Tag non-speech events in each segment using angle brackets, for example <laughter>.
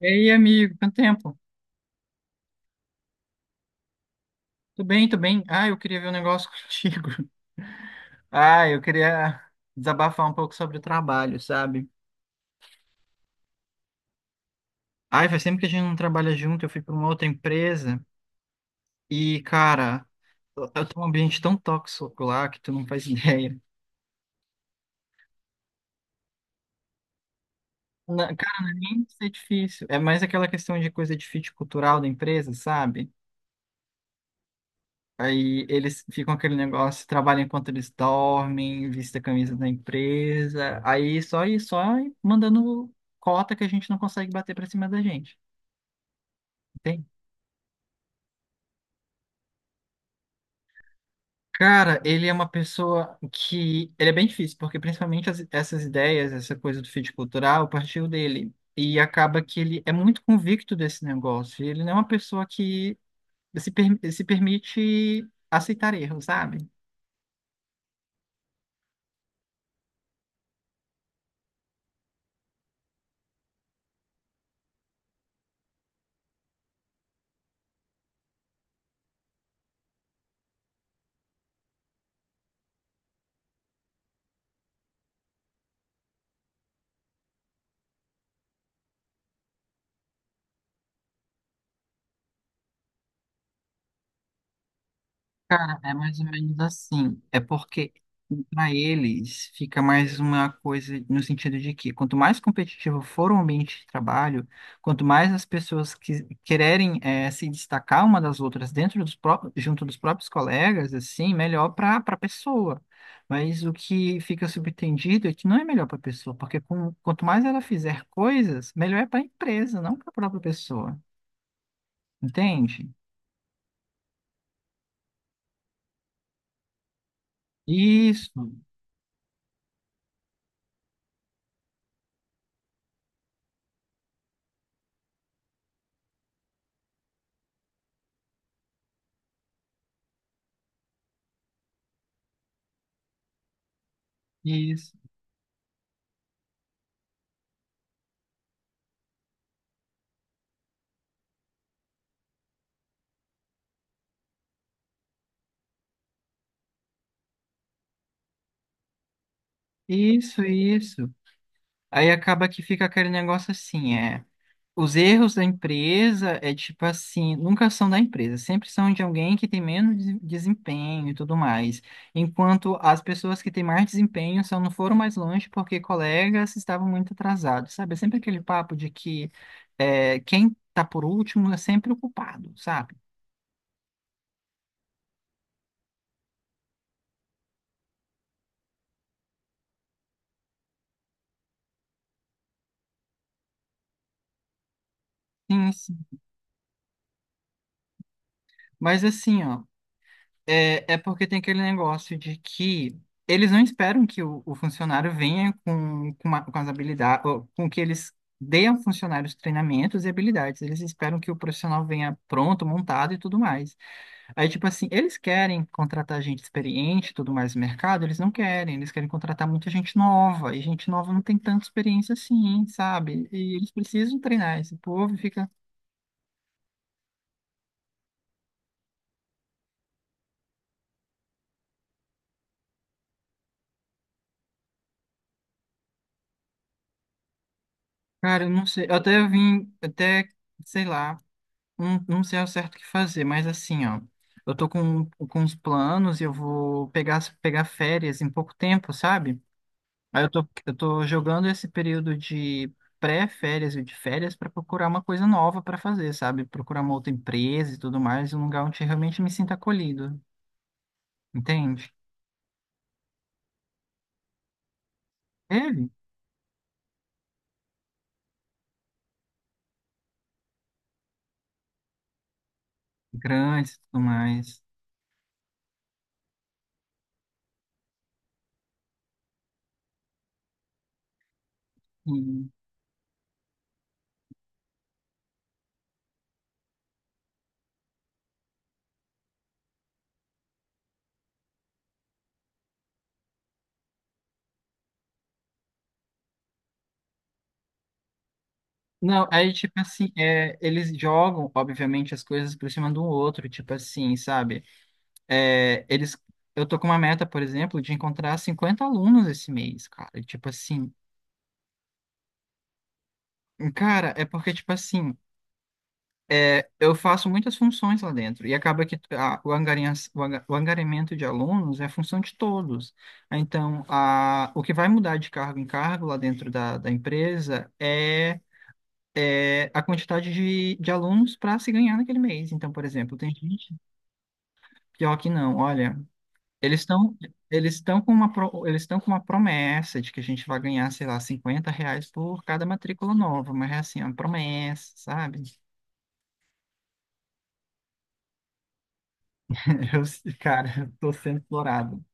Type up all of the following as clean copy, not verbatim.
Ei, amigo, quanto tempo? Tudo bem, tudo bem? Ah, eu queria ver um negócio <laughs> contigo. Ah, eu queria desabafar um pouco sobre o trabalho, sabe? Ai, faz tempo que a gente não trabalha junto, eu fui para uma outra empresa e, cara, eu tô num ambiente tão tóxico lá que tu não faz <laughs> ideia. Cara, não é nem ser difícil, é mais aquela questão de coisa de fit cultural da empresa, sabe? Aí eles ficam aquele negócio, trabalham enquanto eles dormem, vista a camisa da empresa, aí só e só mandando cota que a gente não consegue bater pra cima da gente, entende? Cara, ele é uma pessoa que. Ele é bem difícil, porque principalmente essas ideias, essa coisa do fit cultural, partiu dele. E acaba que ele é muito convicto desse negócio. Ele não é uma pessoa que se permite aceitar erros, sabe? Cara, é mais ou menos assim. É porque para eles fica mais uma coisa no sentido de que quanto mais competitivo for o ambiente de trabalho, quanto mais as pessoas que quererem se destacar uma das outras dentro dos próprios, junto dos próprios colegas, assim, melhor para a pessoa. Mas o que fica subentendido é que não é melhor para a pessoa, porque quanto mais ela fizer coisas, melhor é para a empresa, não para a própria pessoa. Entende? Isso, isso. Isso, isso. Aí acaba que fica aquele negócio assim, é. Os erros da empresa é tipo assim, nunca são da empresa, sempre são de alguém que tem menos desempenho e tudo mais. Enquanto as pessoas que têm mais desempenho só não foram mais longe porque colegas estavam muito atrasados, sabe? É sempre aquele papo de que quem tá por último é sempre o culpado, sabe? Sim, sim. Mas assim, ó. É, é porque tem aquele negócio de que eles não esperam que o funcionário venha com as habilidades, com que eles deem ao funcionário os treinamentos e habilidades. Eles esperam que o profissional venha pronto, montado e tudo mais. Aí, tipo assim, eles querem contratar gente experiente e tudo mais no mercado, eles não querem. Eles querem contratar muita gente nova, e gente nova não tem tanta experiência assim, sabe? E eles precisam treinar esse povo e fica. Cara, eu não sei. Eu até vim, até, sei lá. Não, não sei ao certo o que fazer, mas assim, ó, eu tô com uns planos e eu vou pegar férias em pouco tempo, sabe? Aí eu tô jogando esse período de pré-férias e de férias para procurar uma coisa nova para fazer, sabe? Procurar uma outra empresa e tudo mais, um lugar onde eu realmente me sinta acolhido, entende? Ele, grandes e tudo mais. E- Não, aí, tipo assim, é, eles jogam, obviamente, as coisas por cima do outro, tipo assim, sabe? É, eu tô com uma meta, por exemplo, de encontrar 50 alunos esse mês, cara. E, tipo assim, cara, é porque, tipo assim, eu faço muitas funções lá dentro e acaba que o angariamento de alunos é função de todos. Então, o que vai mudar de cargo em cargo lá dentro da empresa é, é a quantidade de alunos para se ganhar naquele mês. Então, por exemplo, tem gente, pior que não, olha. Eles estão eles estão com uma promessa de que a gente vai ganhar, sei lá, R$ 50 por cada matrícula nova, mas é assim, é uma promessa, sabe? <laughs> Eu, cara, eu tô sendo explorado.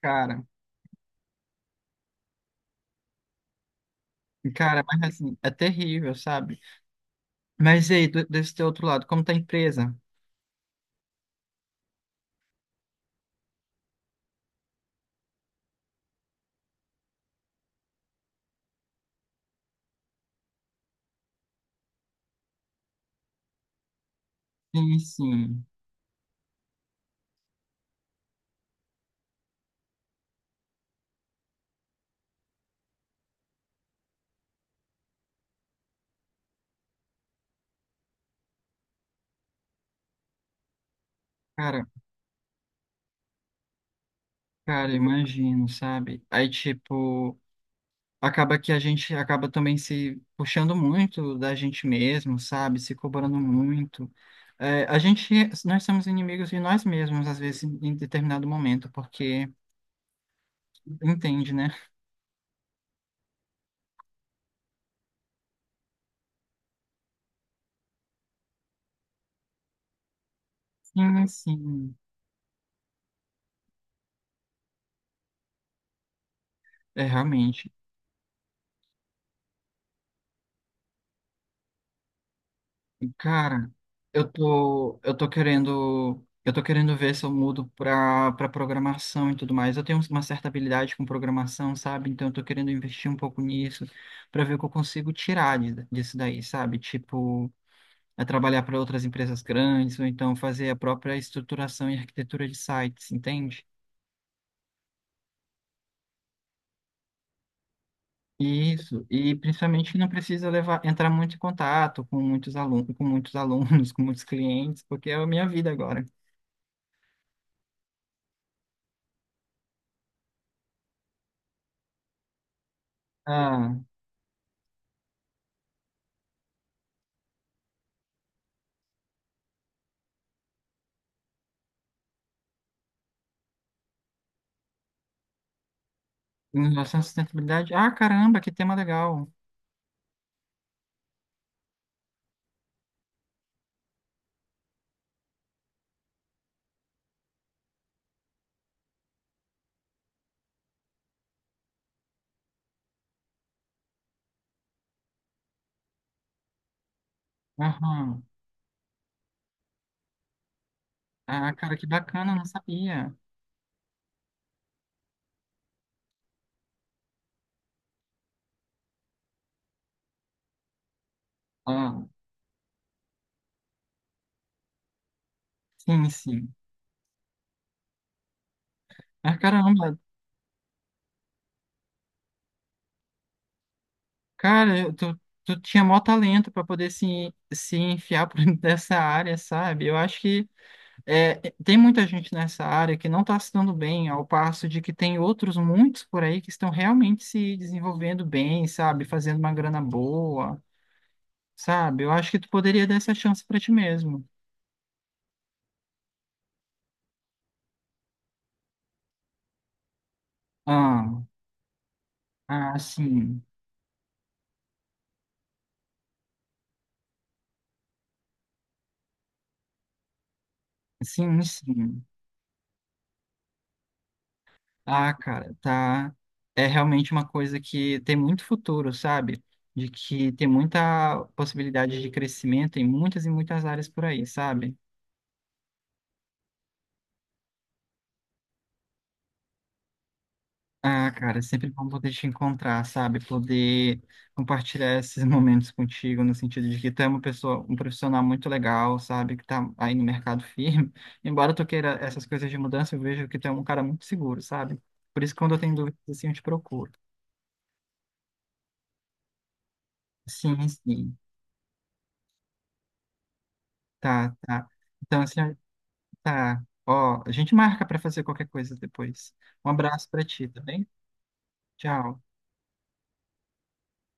Cara, cara, mas assim, é terrível, sabe? Mas e aí, desse teu outro lado, como tá a empresa? Sim, sim. Cara, cara, imagino, sabe? Aí, tipo, acaba que a gente acaba também se puxando muito da gente mesmo, sabe? Se cobrando muito. É, nós somos inimigos de nós mesmos, às vezes, em determinado momento, porque entende, né? Sim, sim, é realmente. Cara, eu tô querendo ver se eu mudo pra, pra programação e tudo mais. Eu tenho uma certa habilidade com programação, sabe? Então eu tô querendo investir um pouco nisso pra ver o que eu consigo tirar disso daí, sabe? Tipo, a trabalhar para outras empresas grandes, ou então fazer a própria estruturação e arquitetura de sites, entende? Isso, e principalmente não precisa levar, entrar muito em contato com muitos alunos, <laughs> com muitos clientes, porque é a minha vida agora. Ah, em relação à sustentabilidade, ah, caramba, que tema legal. Aham. Ah, cara, que bacana, não sabia. Ah, sim, sim. Ah, caramba, cara, tu tinha maior talento para poder se enfiar por <laughs> dentro dessa área, sabe? Eu acho que É, tem muita gente nessa área que não está se dando bem, ao passo de que tem outros muitos por aí que estão realmente se desenvolvendo bem, sabe? Fazendo uma grana boa, sabe? Eu acho que tu poderia dar essa chance para ti mesmo. Ah, ah, sim, sim, sim. Ah, cara, tá. É realmente uma coisa que tem muito futuro, sabe? De que tem muita possibilidade de crescimento em muitas e muitas áreas por aí, sabe? Ah, cara, é sempre bom poder te encontrar, sabe? Poder compartilhar esses <laughs> momentos contigo, no sentido de que tu é uma pessoa, um profissional muito legal, sabe? Que tá aí no mercado firme. <laughs> Embora tu queira essas coisas de mudança, eu vejo que tu é um cara muito seguro, sabe? Por isso, que quando eu tenho dúvidas, assim, eu te procuro. Sim, sim. Tá, tá. Então, assim, tá. Ó, a gente marca pra fazer qualquer coisa depois. Um abraço pra ti, tá bem? Tchau.